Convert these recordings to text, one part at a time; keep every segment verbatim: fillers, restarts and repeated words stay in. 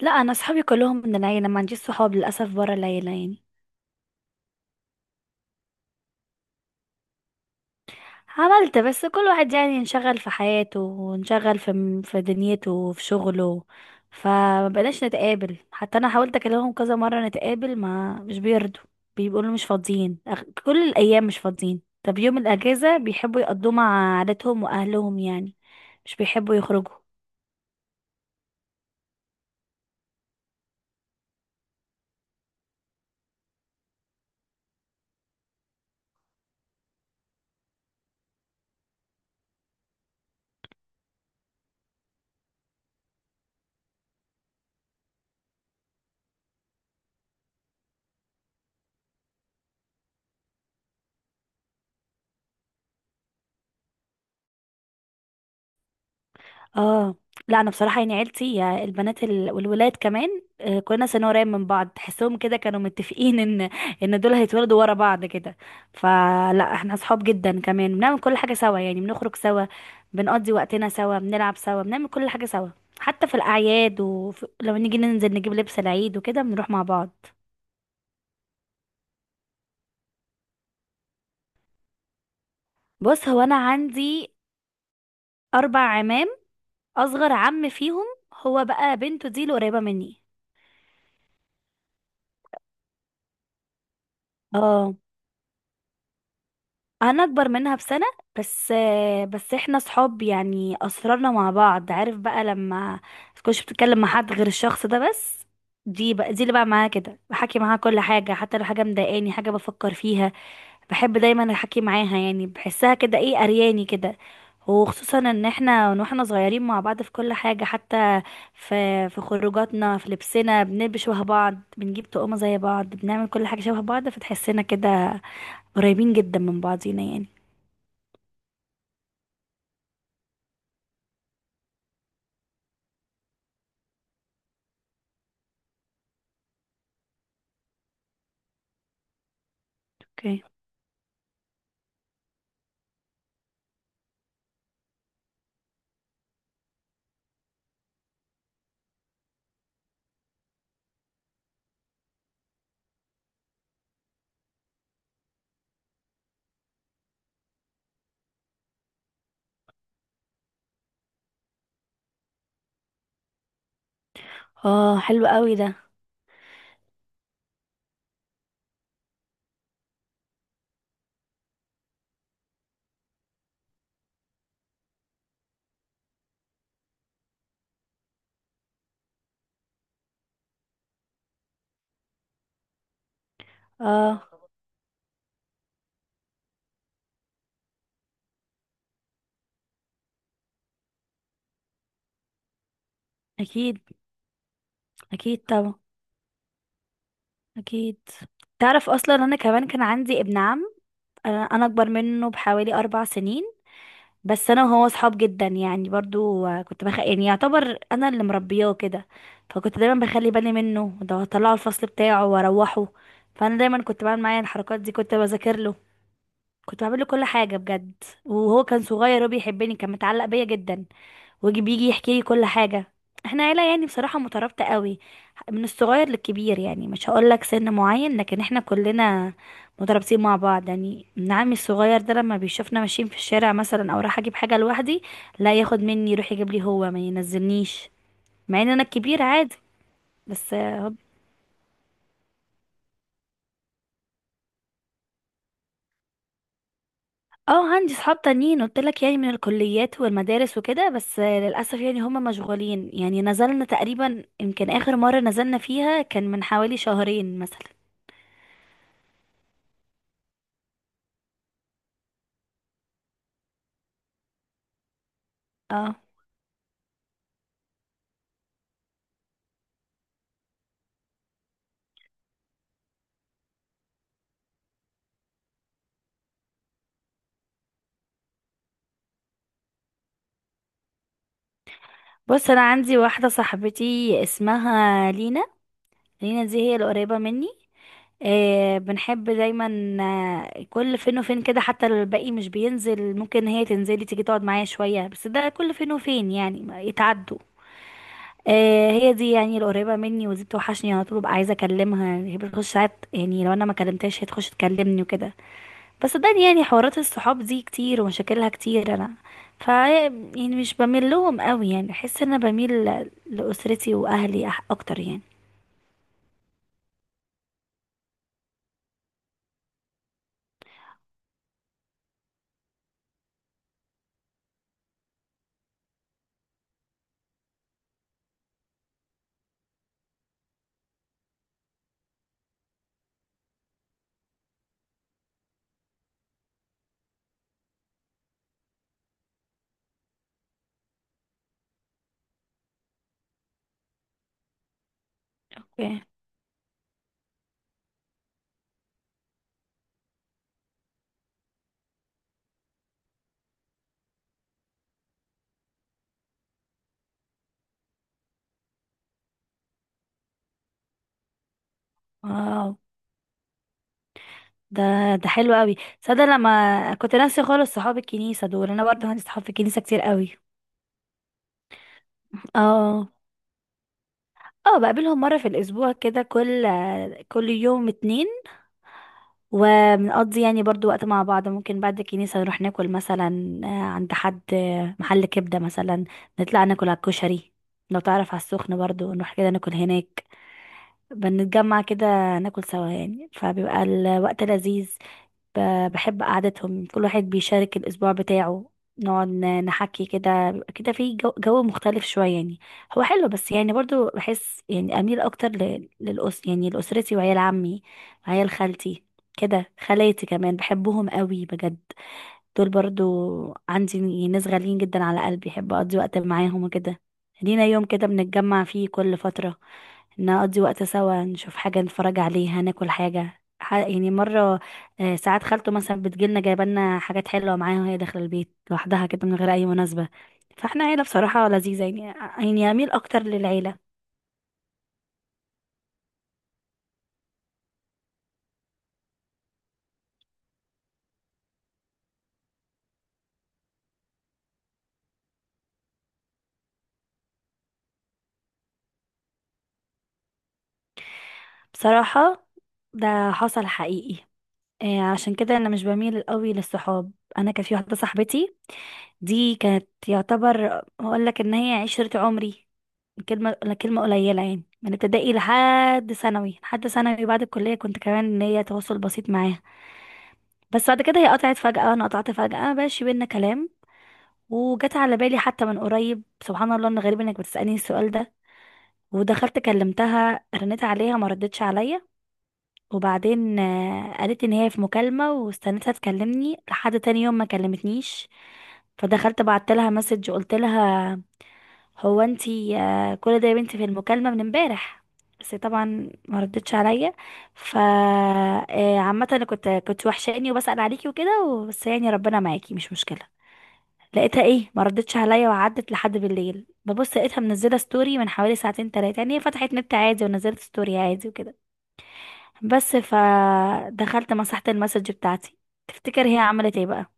لا، انا صحابي كلهم من العيله، ما عنديش صحاب للاسف بره العيله يعني. عملت بس كل واحد يعني انشغل في حياته وانشغل في في دنيته وفي شغله. فما بقناش نتقابل، حتى انا حاولت اكلمهم كذا مره نتقابل ما مش بيرضوا، بيقولوا مش فاضيين، أغ- كل الايام مش فاضيين. طب يوم الاجازه بيحبوا يقضوه مع عائلتهم واهلهم يعني، مش بيحبوا يخرجوا. اه. لا انا بصراحه يعني عيلتي يا البنات ال- والولاد كمان، آه، كنا سنة قريب من بعض، تحسهم كده كانوا متفقين ان ان دول هيتولدوا ورا بعض كده. فلا احنا اصحاب جدا، كمان بنعمل كل حاجه سوا، يعني بنخرج سوا، بنقضي وقتنا سوا، بنلعب سوا، بنعمل كل حاجه سوا. حتى في الاعياد ولما نيجي ننزل نجيب لبس العيد وكده بنروح مع بعض. بص، هو انا عندي اربع عمام، اصغر عم فيهم هو بقى بنته دي اللي قريبه مني. اه. انا اكبر منها بسنة بس. بس احنا صحاب، يعني اسرارنا مع بعض، عارف بقى لما تكونش بتتكلم مع حد غير الشخص ده بس. دي بقى، دي اللي بقى معاها كده، بحكي معاها كل حاجة، حتى لو حاجة مضايقاني، حاجة بفكر فيها بحب دايما احكي معاها، يعني بحسها كده ايه، ارياني كده. وخصوصا ان احنا من واحنا صغيرين مع بعض في كل حاجة، حتى في في خروجاتنا، في لبسنا، بنلبس شبه بعض، بنجيب طقم زي بعض، بنعمل كل حاجة شبه بعض، فتحسنا كده قريبين جدا من بعضينا يعني. اوكي. اه حلو قوي ده. اه، اكيد. اكيد طبعا. اكيد. تعرف اصلا انا كمان كان عندي ابن عم، انا أنا اكبر منه بحوالي اربع سنين بس. انا وهو صحاب جدا، يعني برضو، آه، كنت بخ... يعني يعتبر انا اللي مربياه كده. فكنت دايما بخلي بالي منه، ده اطلعه الفصل بتاعه واروحه. فانا دايما كنت بعمل معايا الحركات دي، كنت بذاكر له، كنت بعمل له كل حاجه بجد. وهو كان صغير وبيحبني، كان متعلق بيا جدا، ويجي بيجي يحكي لي كل حاجة. احنا عيلة يعني بصراحة مترابطة قوي، من الصغير للكبير، يعني مش هقول لك سن معين، لكن احنا كلنا مترابطين مع بعض. يعني ابن عمي الصغير ده لما بيشوفنا ماشيين في الشارع مثلا، او رايح اجيب حاجة لوحدي، لا، ياخد مني يروح يجيب لي، هو ما ينزلنيش، مع ان انا الكبير عادي. بس اه. آه، عندي صحاب تانيين قلت لك يعني، من الكليات والمدارس وكده، بس آه، للاسف يعني هم مشغولين، يعني نزلنا تقريبا يمكن اخر مرة نزلنا فيها كان من حوالي شهرين مثلا. اه. بص، انا عندي واحده صاحبتي اسمها لينا. لينا دي هي القريبه مني. آه بنحب دايما، آه، كل فين وفين كده، حتى لو الباقي مش بينزل ممكن هي تنزلي تيجي تقعد معايا شويه، بس ده كل فين وفين، يعني ما يتعدوا. آه هي دي يعني القريبه مني، ودي بتوحشني على طول، ببقى عايزه اكلمها، هي بتخش ساعات يعني لو انا ما كلمتهاش هي تخش تكلمني وكده. بس صدقني يعني حوارات الصحاب دي كتير ومشاكلها كتير، انا ف يعني مش بميل لهم قوي، يعني احس ان انا بميل ل- لاسرتي واهلي أح- اكتر يعني. اوكي. واو. ده ده حلو قوي. صدق لما كنت ناسي خالص صحاب الكنيسه دول، انا برضه عندي صحاب في الكنيسه كتير قوي. اه. اه بقابلهم مره في الاسبوع كده، كل كل يوم اتنين. وبنقضي يعني برضو وقت مع بعض، ممكن بعد الكنيسة نروح ناكل مثلا آه، عند حد، آه، محل كبدة مثلا، نطلع ناكل على الكشري، لو تعرف على السخن برضو نروح كده ناكل هناك. بنتجمع كده، ناكل سوا يعني، فبيبقى الوقت لذيذ. ب- بحب قعدتهم، كل واحد بيشارك الأسبوع بتاعه، نقعد ن- نحكي كده، بيبقى كده في جو, جو مختلف شوية يعني. هو حلو بس يعني برضو بحس يعني أميل أكتر ل- للأس يعني لأسرتي وعيال عمي وعيال خالتي كده. خالاتي كمان بحبهم قوي بجد، دول برضو عندي ناس غاليين جدا على قلبي، بحب اقضي وقت معاهم وكده. لينا يوم كده بنتجمع فيه كل فترة، نقضي وقت سوا، نشوف حاجة نتفرج عليها، ناكل حاجة، ح- يعني مرة آه، ساعات خالته مثلا بتجيلنا جايبالنا حاجات حلوة معاها، وهي داخلة البيت لوحدها كده من غير أي مناسبة. فاحنا عيلة بصراحة لذيذة يعني يعني أميل أكتر للعيلة. بصراحة ده حصل حقيقي. آه، عشان كده انا مش بميل قوي للصحاب. انا كان في واحده صاحبتي، دي كانت يعتبر اقول لك ان هي عشرة عمري. كلمه كلمه قليله يعني، من ابتدائي لحد ثانوي، لحد ثانوي بعد الكليه كنت كمان ان هي تواصل بسيط معاها. بس بعد كده هي قطعت فجاه، انا قطعت فجاه، مبقاش بينا كلام. وجت على بالي حتى من قريب، سبحان الله، ان غريب انك بتسالني السؤال ده. ودخلت كلمتها، رنيت عليها ما ردتش عليا. وبعدين آه، قالت ان هي في مكالمة، واستنتها تكلمني لحد تاني يوم ما كلمتنيش. فدخلت بعت لها مسج، قلت لها: هو انتي آه، كل ده يا بنتي في المكالمة من امبارح؟ بس هي طبعا ما ردتش عليا. ف آه، عامة انا كنت كنت وحشاني وبسأل عليكي وكده، بس يعني ربنا معاكي مش مشكلة. لقيتها ايه ما ردتش عليا، وعدت لحد بالليل ببص لقيتها منزله ستوري من حوالي ساعتين تلاتة، يعني هي فتحت نت عادي ونزلت ستوري عادي وكده بس. فدخلت مسحت المسج بتاعتي. تفتكر هي عملت ايه بقى؟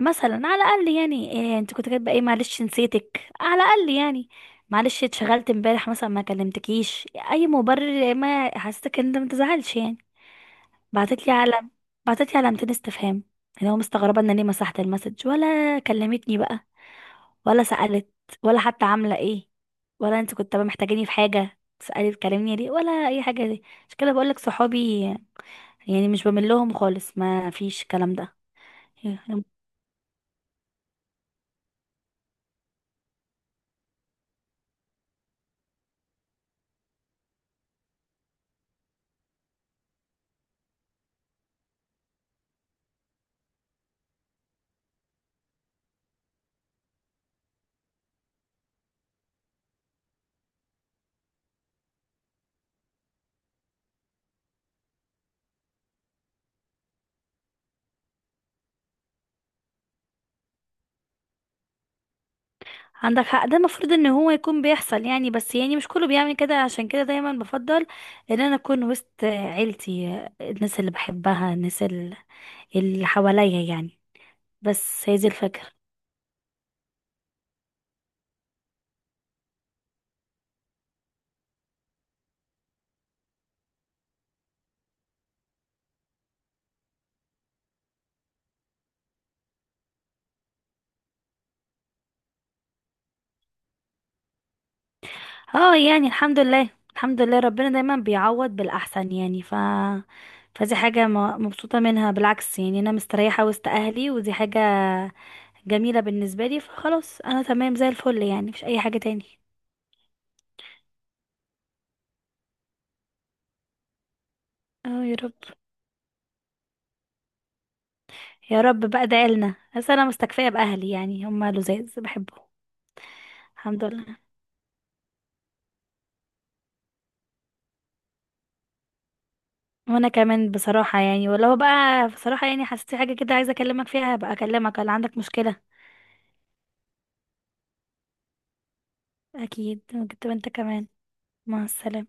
مثلا على الاقل يعني إيه انت كنت كاتبه ايه؟ معلش نسيتك، على الاقل يعني معلش اتشغلت امبارح مثلا ما كلمتكيش، اي مبرر ما حسيتك ان انت ما تزعلش يعني. بعتت لي علم بعتت لي علامتين استفهام، اللي هو مستغربه ان أنا ليه مسحت المسج، ولا كلمتني بقى، ولا سالت، ولا حتى عامله ايه، ولا انت كنت محتاجاني في حاجه تسالي تكلمني ليه، ولا اي حاجه. دي عشان كده بقول لك صحابي يعني مش بمل لهم خالص، ما فيش الكلام ده. عندك حق، ده المفروض ان هو يكون بيحصل يعني، بس يعني مش كله بيعمل كده، عشان كده دايما بفضل ان انا اكون وسط عيلتي، الناس اللي بحبها، الناس ال- اللي حواليا يعني. بس هي دي الفكرة. اه يعني الحمد لله، الحمد لله، ربنا دايما بيعوض بالاحسن يعني. ف فدي حاجة م- مبسوطة منها بالعكس، يعني انا مستريحة وسط اهلي، ودي حاجة جميلة بالنسبة لي، فخلاص انا تمام زي الفل يعني، مفيش اي حاجة تاني. اه يا رب، يا رب بقى ده قالنا، بس انا مستكفيه باهلي يعني هم لزاز بحبهم. الحمد لله. وانا كمان بصراحه يعني، ولو بقى بصراحه يعني حسيت حاجه كده عايزه اكلمك فيها هبقى اكلمك، لو عندك مشكله. اكيد. كنت وانت كمان. مع السلامه.